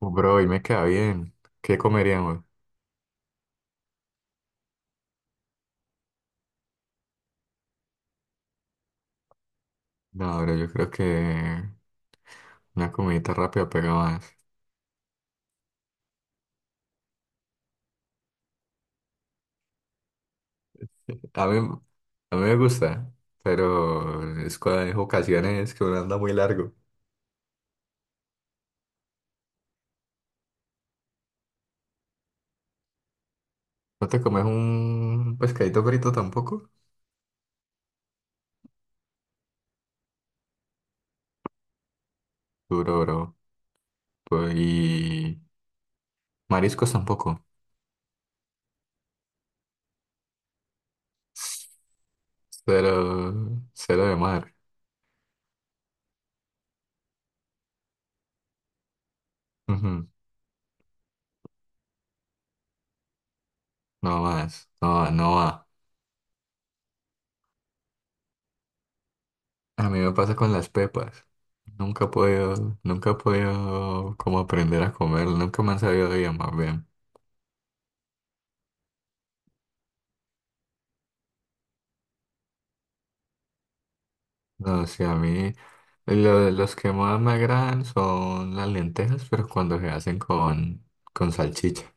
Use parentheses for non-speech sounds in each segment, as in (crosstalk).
Bro, hoy me queda bien. ¿Qué comeríamos? No, bro, yo creo que una comidita rápida pega más. A mí, a mí me gusta, pero es cuando hay ocasiones que uno anda muy largo. ¿No te comes un pescadito frito tampoco? Duro, bro. Pues, y mariscos tampoco. Cero, cero de mar. Ujú. No más, no, no va. A mí me pasa con las pepas. Nunca he podido, nunca he podido como aprender a comer, nunca me han sabido bien, más bien. No, sí, a mí los que más me agradan son las lentejas, pero cuando se hacen con salchicha.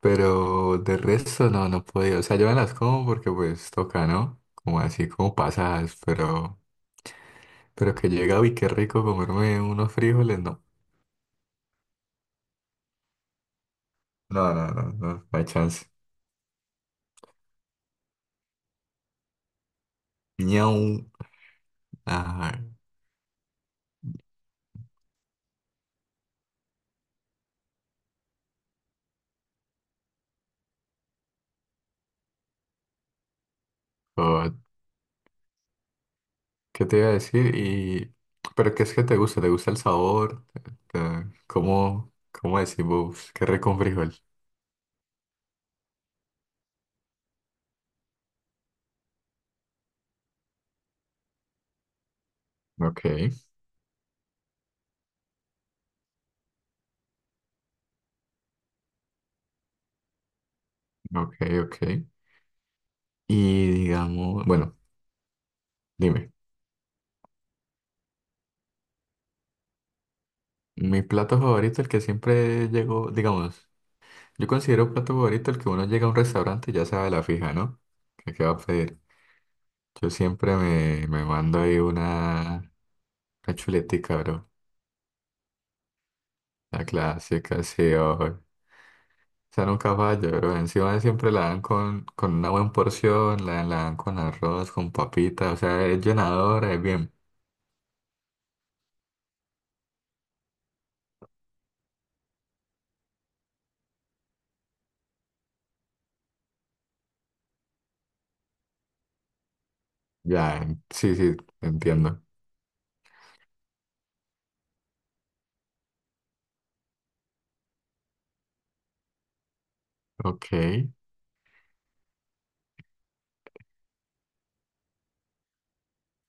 Pero de resto no, no he podido. O sea, yo me las como porque pues toca, ¿no? Como así, como pasadas, pero que llega y qué rico comerme unos frijoles, no. No, no, no, no, no hay chance. Ñau. Ah, ¿qué te iba a decir? Y... ¿pero qué es que te gusta? ¿Te gusta el sabor? ¿Te- cómo, cómo decimos? ¿Qué rico un frijol? Ok, ok, ok. Y digamos, bueno, dime, mi plato favorito, el que siempre llego, digamos, yo considero plato favorito el que uno llega a un restaurante y ya sabe la fija, ¿no? ¿Qué, qué va a pedir? Yo siempre me mando ahí una chuletica, bro. La clásica, sí, ojo. Sea, nunca falla, pero encima siempre la dan con una buena porción, la dan con arroz, con papita, o sea, es llenadora, es bien. Ya, sí, sí, entiendo. Ok,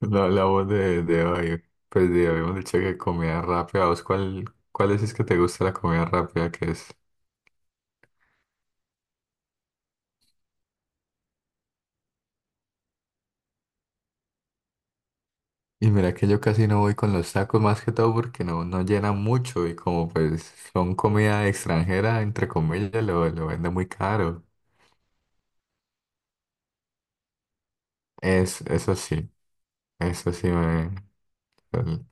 no hablamos de hoy, pues de, habíamos dicho que comida rápida, ¿vos cuál, cuál es que te gusta la comida rápida que es? Y mira que yo casi no voy con los tacos más que todo porque no, no llenan mucho y como pues son comida extranjera, entre comillas, lo venden muy caro. Es, eso sí me... Ujú.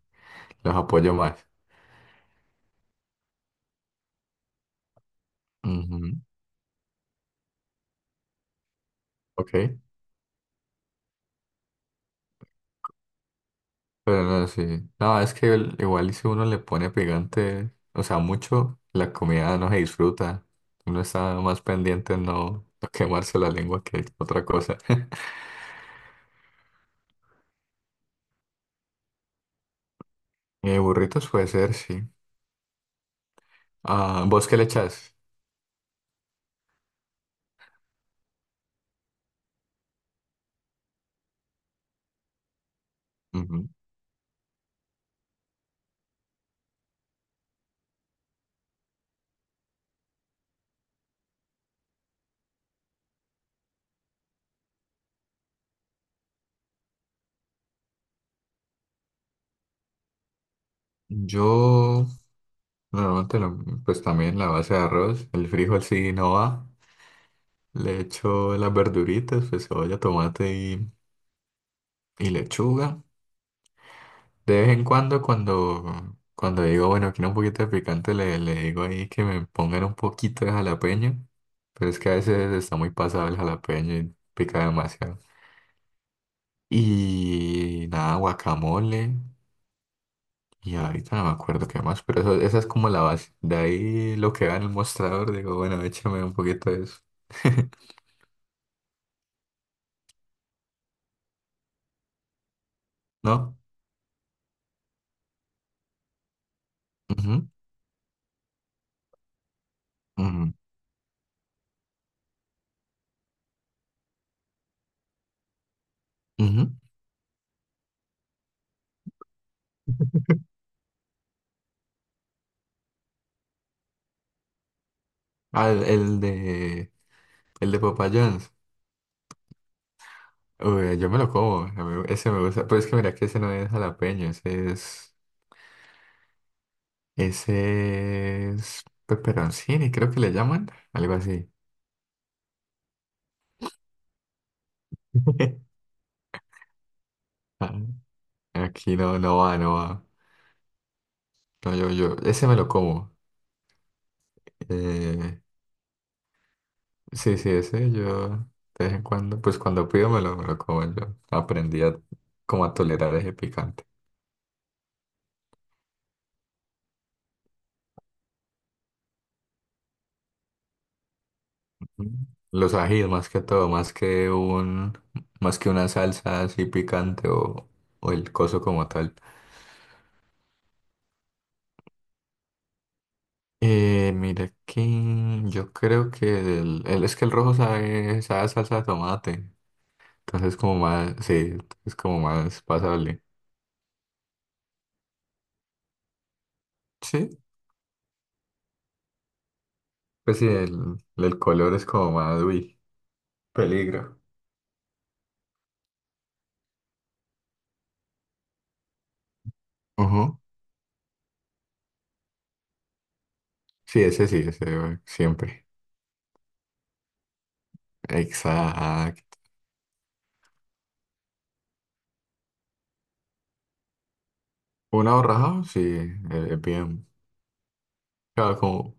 Los apoyo más. Ujú. Ok. Pero no, sí. No, es que igual y si uno le pone picante, o sea, mucho, la comida no se disfruta. Uno está más pendiente en no, no quemarse la lengua que otra cosa. (laughs) Burritos puede ser, sí. Ah, ¿vos qué le echas? Ujú. Yo normalmente pues también la base de arroz, el frijol sí no va. Le echo las verduritas, pues cebolla, tomate y lechuga. De vez en cuando, cuando, cuando digo, bueno, quiero un poquito de picante, le digo ahí que me pongan un poquito de jalapeño. Pero es que a veces está muy pasado el jalapeño y pica demasiado. Y nada, guacamole. Y ahorita no me acuerdo qué más, pero eso, esa es como la base. De ahí lo que va en el mostrador, digo, bueno, échame un poquito de eso. (laughs) ¿No? Ujú, ujú, ujú. Ah, el de Papa John's. Uy, yo me lo como, a mí ese me gusta, pero es que mira que ese no es jalapeño, ese es peperoncini, creo que le llaman, algo así. (laughs) Ah, aquí no, no va, no va. No, yo, ese me lo como. Eh, sí, sí, ese yo de vez en cuando, pues cuando pido me lo como, yo aprendí a, como a tolerar ese picante. Mm. Los ajíes más que todo, más que un, más que una salsa así picante o el coso como tal. Mira que yo creo que es que el rojo sabe, sabe a salsa de tomate. Entonces como más, sí, es como más pasable. Sí, pues sí, el color es como más, uy, peligro. Ujú. Sí, ese siempre. Exacto. Un aborrajado, sí, bien. Claro, como,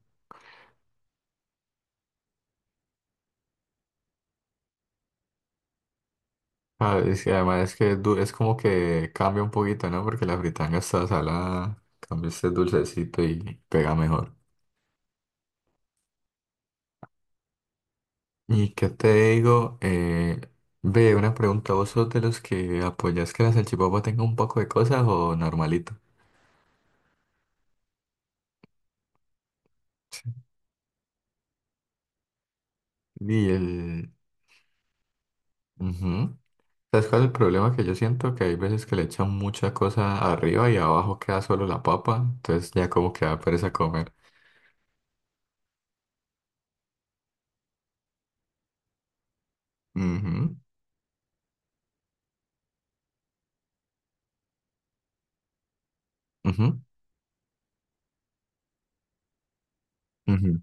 ah, y además es que es, es como que cambia un poquito, ¿no? Porque la fritanga está salada, cambia este dulcecito y pega mejor. ¿Y qué te digo? Ve, una pregunta, ¿vos sos de los que apoyas que la salchipapa tenga un poco de cosas o normalito? Y el... Ujú. ¿Sabes cuál es el problema que yo siento? Que hay veces que le echan mucha cosa arriba y abajo queda solo la papa, entonces ya como que da pereza comer. Ujú, ujú, ujú.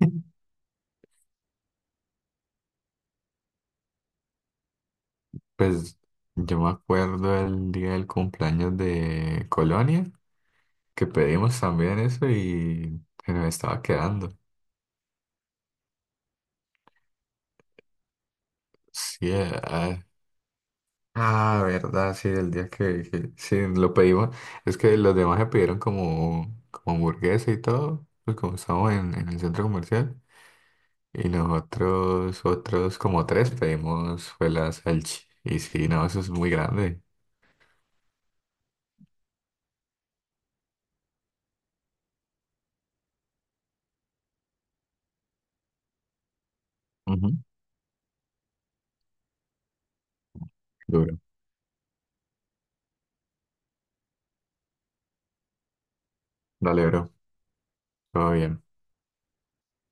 (laughs) Pues yo me acuerdo el día del cumpleaños de Colonia, que pedimos también eso y se nos estaba quedando. Sí, ah, ah, verdad, sí, el día que sí lo pedimos. Es que los demás se pidieron como, como hamburguesa y todo, pues como estamos en el centro comercial. Y nosotros, otros como tres pedimos fue la salchi. Y sí, no, eso es muy grande. Ujú. Duro. Dale, bro. Todo bien.